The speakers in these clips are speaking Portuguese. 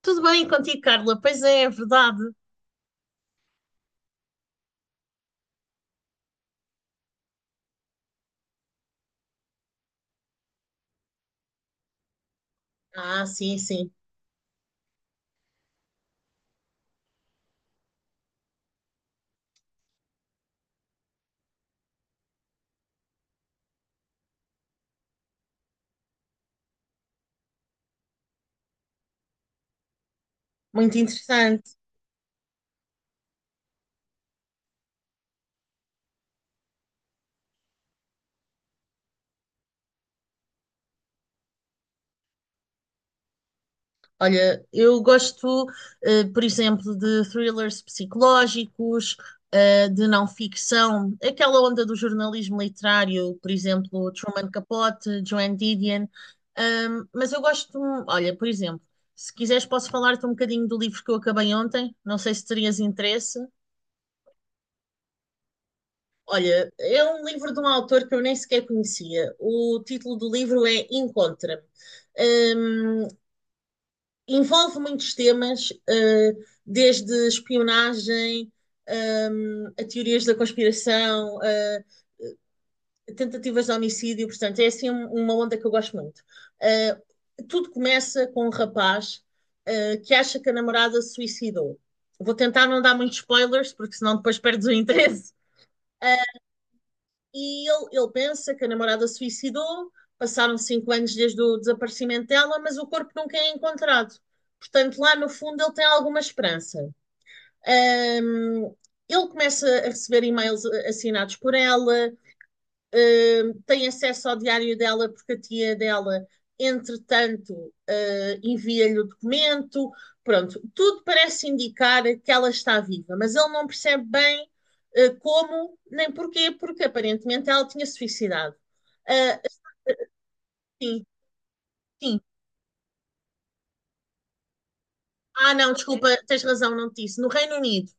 Tudo bem contigo, Carla? Pois é verdade. Ah, sim, sim. Muito interessante. Olha, eu gosto, por exemplo, de thrillers psicológicos, de não ficção, aquela onda do jornalismo literário, por exemplo, Truman Capote, Joan Didion. Mas eu gosto, olha, por exemplo, se quiseres, posso falar-te um bocadinho do livro que eu acabei ontem. Não sei se terias interesse. Olha, é um livro de um autor que eu nem sequer conhecia. O título do livro é Encontra-me. Hum, envolve muitos temas, desde espionagem, a teorias da conspiração, tentativas de homicídio. Portanto, é assim uma onda que eu gosto muito. Eh, tudo começa com um rapaz, que acha que a namorada se suicidou. Vou tentar não dar muitos spoilers, porque senão depois perdes o interesse. E ele pensa que a namorada se suicidou. Passaram cinco anos desde o desaparecimento dela, mas o corpo nunca é encontrado. Portanto, lá no fundo ele tem alguma esperança. Ahm, ele começa a receber e-mails assinados por ela, tem acesso ao diário dela porque a tia dela, entretanto, envia-lhe o documento. Pronto, tudo parece indicar que ela está viva, mas ele não percebe bem como nem porquê, porque aparentemente ela tinha suicidado. Uh, sim, sim. Ah, não, desculpa, tens razão, não te disse. No Reino Unido.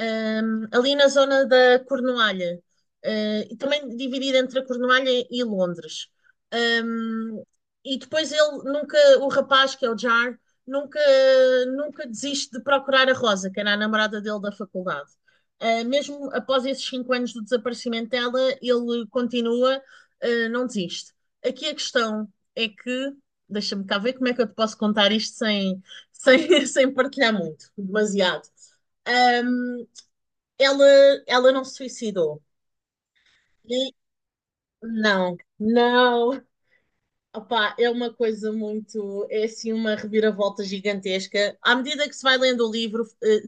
Ali na zona da Cornualha, e também dividida entre a Cornualha e Londres. Ahm, e depois ele nunca, o rapaz, que é o Jar, nunca, nunca desiste de procurar a Rosa, que era a namorada dele da faculdade. Mesmo após esses cinco anos do desaparecimento dela, ele continua, não desiste. Aqui a questão é que, deixa-me cá ver como é que eu te posso contar isto sem, sem, sem partilhar muito, demasiado. Ela, ela não se suicidou. E não, não. Opá, é uma coisa muito. É assim uma reviravolta gigantesca. À medida que se vai lendo o livro,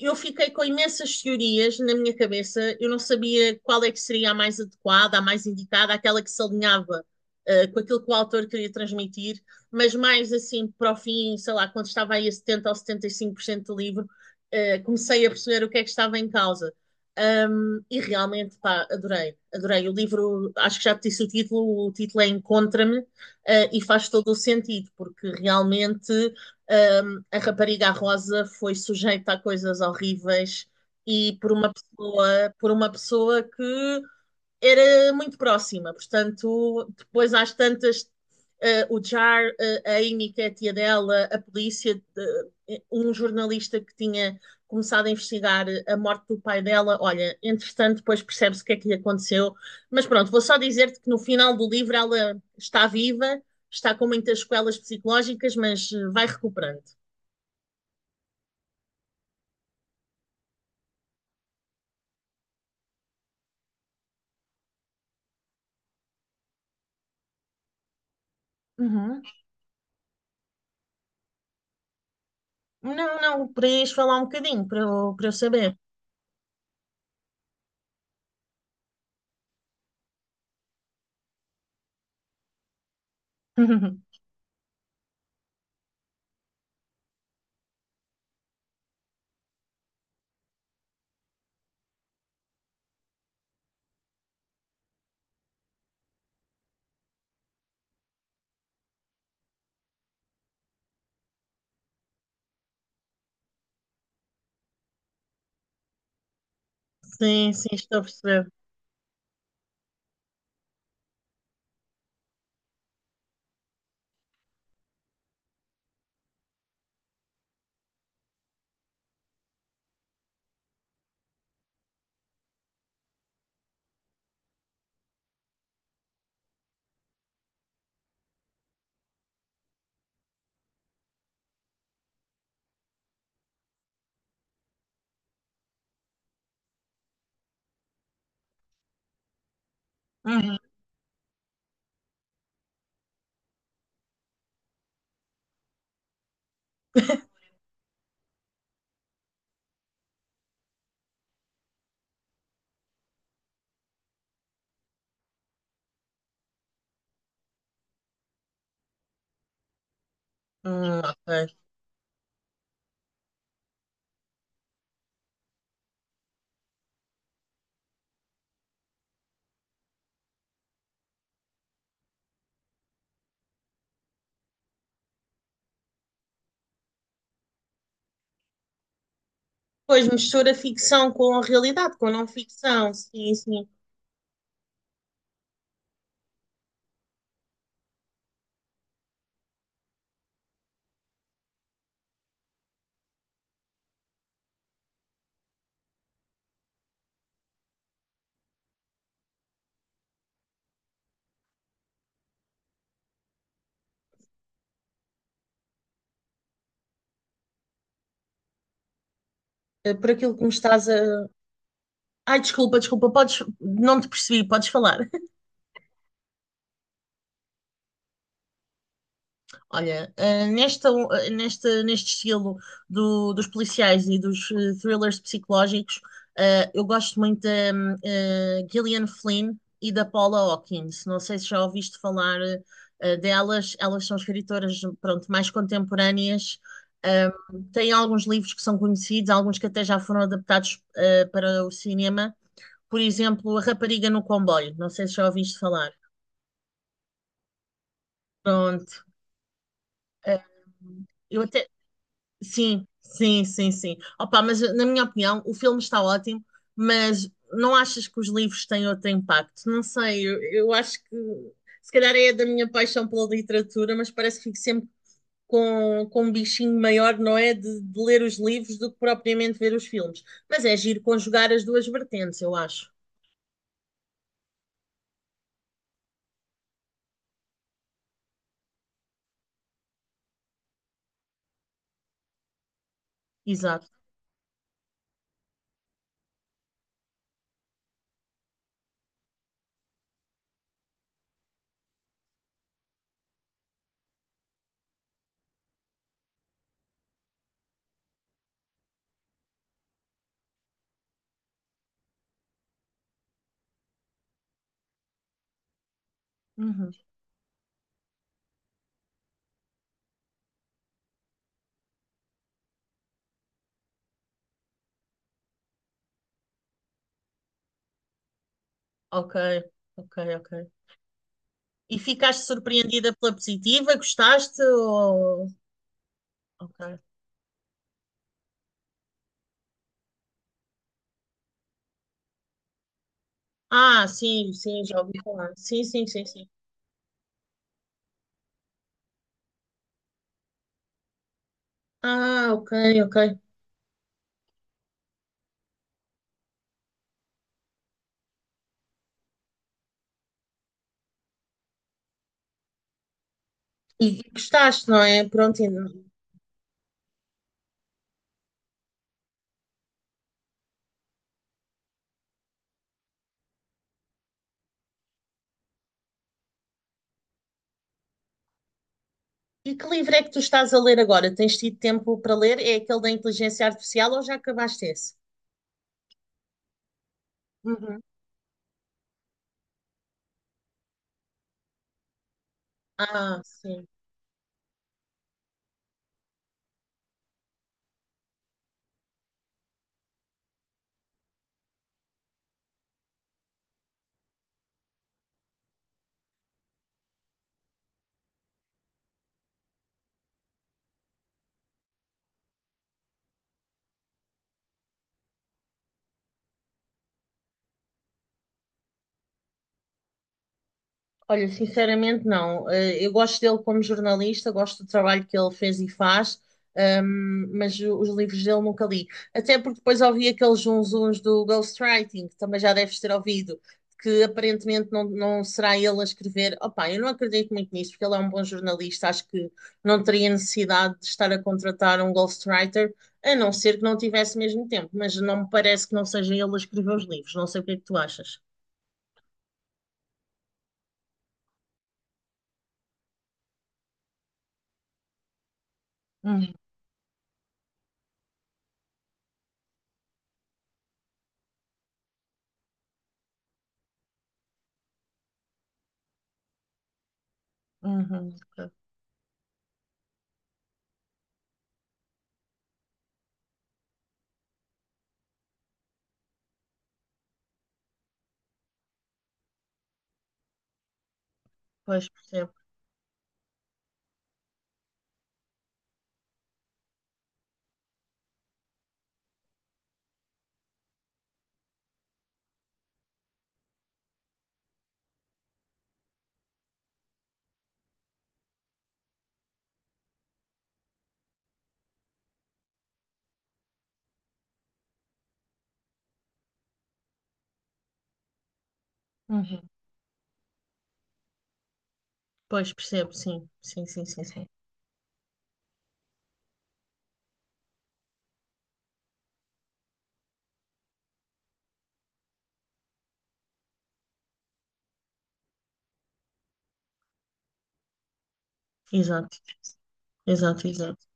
eu fiquei com imensas teorias na minha cabeça. Eu não sabia qual é que seria a mais adequada, a mais indicada, aquela que se alinhava com aquilo que o autor queria transmitir. Mas mais assim, para o fim, sei lá, quando estava aí a 70 ou 75% do livro, comecei a perceber o que é que estava em causa. E realmente, pá, adorei, adorei. O livro, acho que já te disse o título é Encontra-me, e faz todo o sentido, porque realmente a rapariga Rosa foi sujeita a coisas horríveis e por uma pessoa que era muito próxima. Portanto, depois às tantas, o Jar, a Amy, que é a tia dela, a polícia, um jornalista que tinha começado a investigar a morte do pai dela. Olha, entretanto, depois percebe-se o que é que lhe aconteceu. Mas pronto, vou só dizer-te que no final do livro ela está viva, está com muitas sequelas psicológicas, mas vai recuperando. Uhum. Não, não, podias falar um bocadinho para eu saber. Sim, sim, estou a perceber. Uhum. Ok. Pois mistura ficção com a realidade, com a não ficção, sim, sim. Por aquilo que me estás a. Ai, desculpa, desculpa, podes. Não te percebi, podes falar. Olha, neste estilo dos policiais e dos thrillers psicológicos, eu gosto muito da Gillian Flynn e da Paula Hawkins. Não sei se já ouviste falar delas. Elas são escritoras, pronto, mais contemporâneas. Eh, têm alguns livros que são conhecidos, alguns que até já foram adaptados para o cinema. Por exemplo, A Rapariga no Comboio. Não sei se já ouviste falar. Pronto. Eh, eu até. Sim, sim, sim, sim. Opa, mas na minha opinião, o filme está ótimo, mas não achas que os livros têm outro impacto? Não sei, eu acho que se calhar é da minha paixão pela literatura, mas parece que fico sempre com um bichinho maior, não é? De ler os livros do que propriamente ver os filmes. Mas é giro conjugar as duas vertentes, eu acho. Exato. Uhum. Ok, ok, ok. E ficaste surpreendida pela positiva? Gostaste? Ou... Ok. Ah, sim, sim, já ouvi falar. Sim, sim, sim, sim. Ah, ok, ok. E gostaste, não é? Pronto. E que livro é que tu estás a ler agora? Tens tido tempo para ler? É aquele da inteligência artificial ou já acabaste esse? Uhum. Ah, sim. Olha, sinceramente não. Eu gosto dele como jornalista, gosto do trabalho que ele fez e faz, mas os livros dele nunca li. Até porque depois ouvi aqueles zunzuns do ghostwriting, que também já deves ter ouvido, que aparentemente não, não será ele a escrever. Opa, eu não acredito muito nisso, porque ele é um bom jornalista, acho que não teria necessidade de estar a contratar um ghostwriter, a não ser que não tivesse mesmo tempo, mas não me parece que não seja ele a escrever os livros, não sei o que é que tu achas. Hum, uhum, ok. Pois, percebo. Uhum. Pois percebo, sim. Sim, sim, sim, sim. Exato, exato, exato.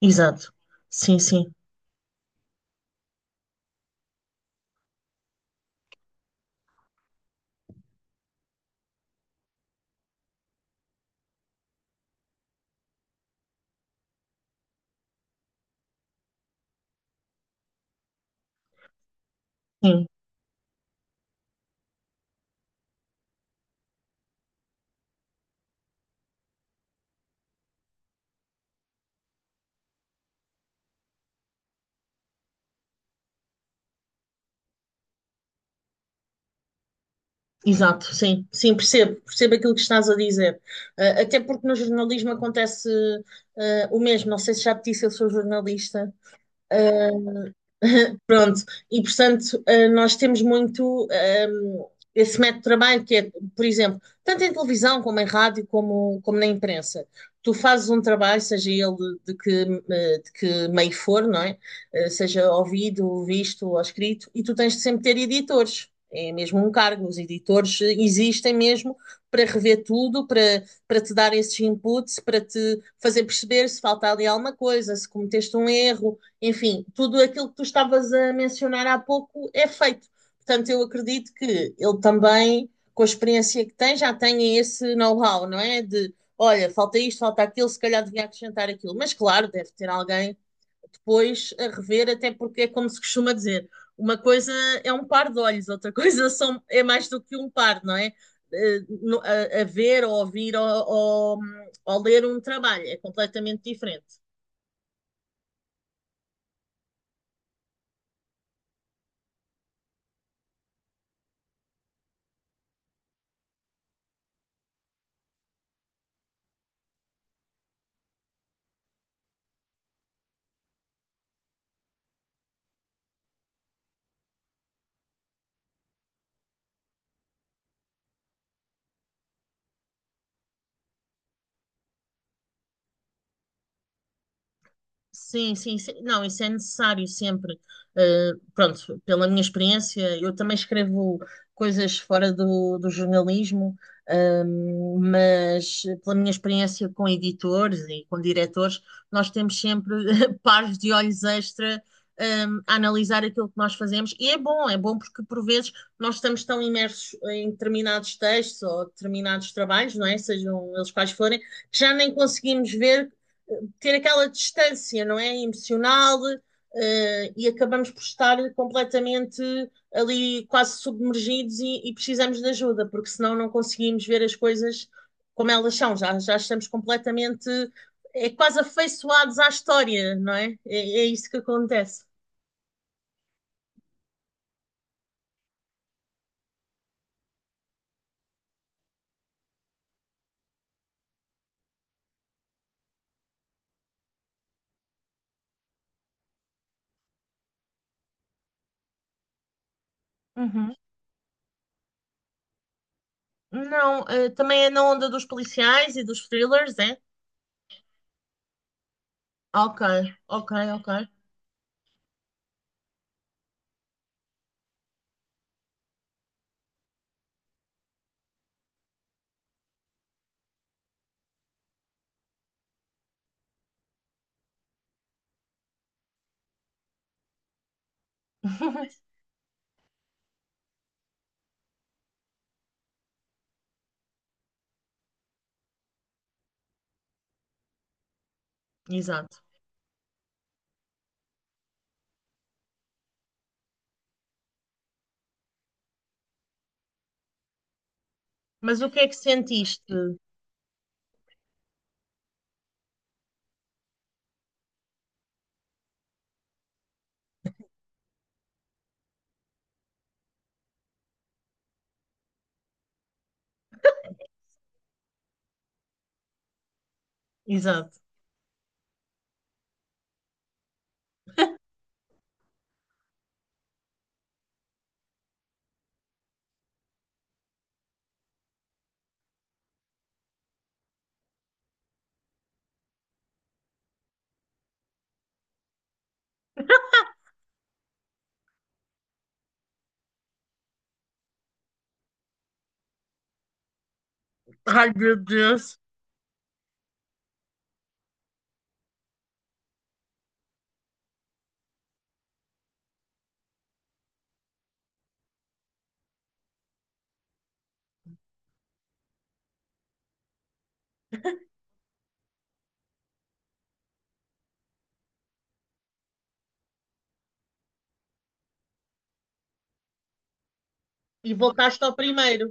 Exato. Sim, sim, sim. Exato, sim, sim, percebo, percebo aquilo que estás a dizer. Ah, até porque no jornalismo acontece o mesmo. Não sei se já te disse, eu sou jornalista. Pronto, e portanto, nós temos muito esse método de trabalho que é, por exemplo, tanto em televisão como em rádio, como na imprensa. Tu fazes um trabalho, seja ele de que, de que meio for, não é? Seja ouvido, visto ou escrito, e tu tens de sempre ter editores. É mesmo um cargo, os editores existem mesmo para rever tudo, para te dar esses inputs, para te fazer perceber se falta ali alguma coisa, se cometeste um erro, enfim, tudo aquilo que tu estavas a mencionar há pouco é feito. Portanto, eu acredito que ele também, com a experiência que tem, já tenha esse know-how, não é? De, olha, falta isto, falta aquilo, se calhar devia acrescentar aquilo. Mas, claro, deve ter alguém depois a rever, até porque é como se costuma dizer, uma coisa é um par de olhos, outra coisa é mais do que um par, não é? A ver, ou ouvir, ou ler um trabalho é completamente diferente. Sim, sim, sim. Não, isso é necessário sempre. Pronto, pela minha experiência, eu também escrevo coisas fora do jornalismo, mas pela minha experiência com editores e com diretores, nós temos sempre pares de olhos extra, a analisar aquilo que nós fazemos. E é bom porque por vezes nós estamos tão imersos em determinados textos ou determinados trabalhos, não é? Sejam eles quais forem, que já nem conseguimos ver ter aquela distância, não é? Emocional, e acabamos por estar completamente ali quase submergidos e precisamos de ajuda, porque senão não conseguimos ver as coisas como elas são, já estamos completamente, é quase afeiçoados à história, não é? É isso que acontece. Uhum. Não, também é na onda dos policiais e dos thrillers, é? Ok, ok, ok. Exato. Mas o que é que sentiste? Exato. Ai, meu Deus. E voltaste ao primeiro.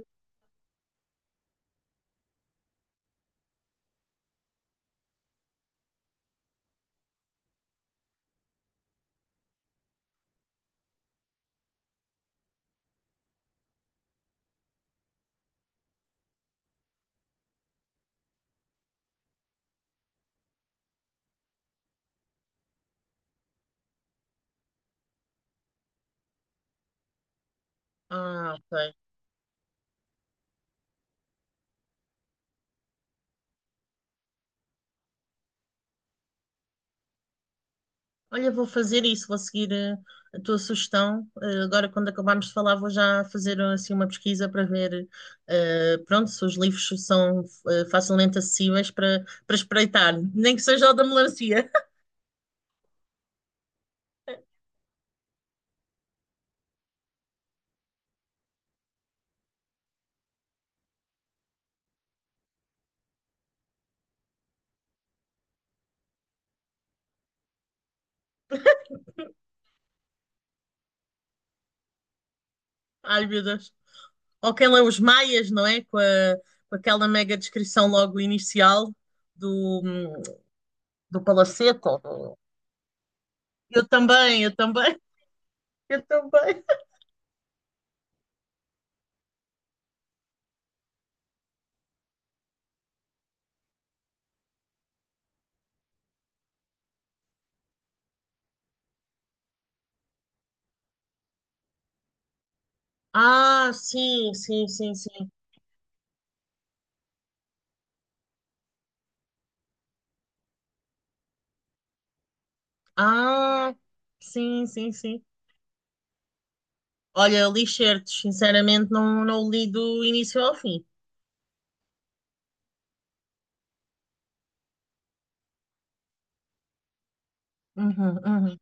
Ah, ok. Olha, vou fazer isso, vou seguir a tua sugestão. Agora, quando acabarmos de falar, vou já fazer assim uma pesquisa para ver, pronto, se os livros são facilmente acessíveis para espreitar, nem que seja o da melancia. Ai, meu Deus. Ou quem lê os Maias, não é? Com aquela mega descrição logo inicial do, hum, do palacete, ou. Eu também, eu também. Ah, sim, sim, sim, sim. Ah, sim, sim, sim. Olha, li certos, sinceramente, não, não li do início ao fim. Uhum, uhum.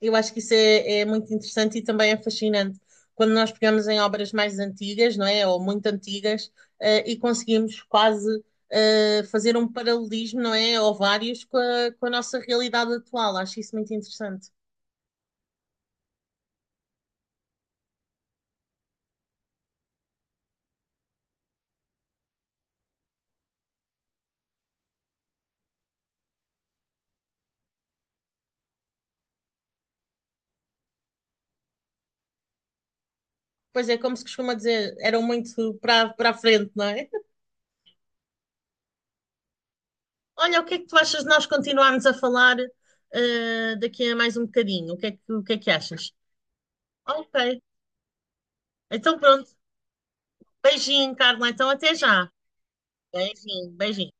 Eu acho que isso é muito interessante e também é fascinante. Quando nós pegamos em obras mais antigas, não é? Ou muito antigas, e conseguimos quase fazer um paralelismo, não é? Ou vários com a nossa realidade atual. Acho isso muito interessante. Pois é, como se costuma dizer, eram muito para a frente, não é? Olha, o que é que tu achas de nós continuarmos a falar daqui a mais um bocadinho? O que é que achas? Ok, então pronto. Beijinho, Carla. Então até já. Beijinho, beijinho.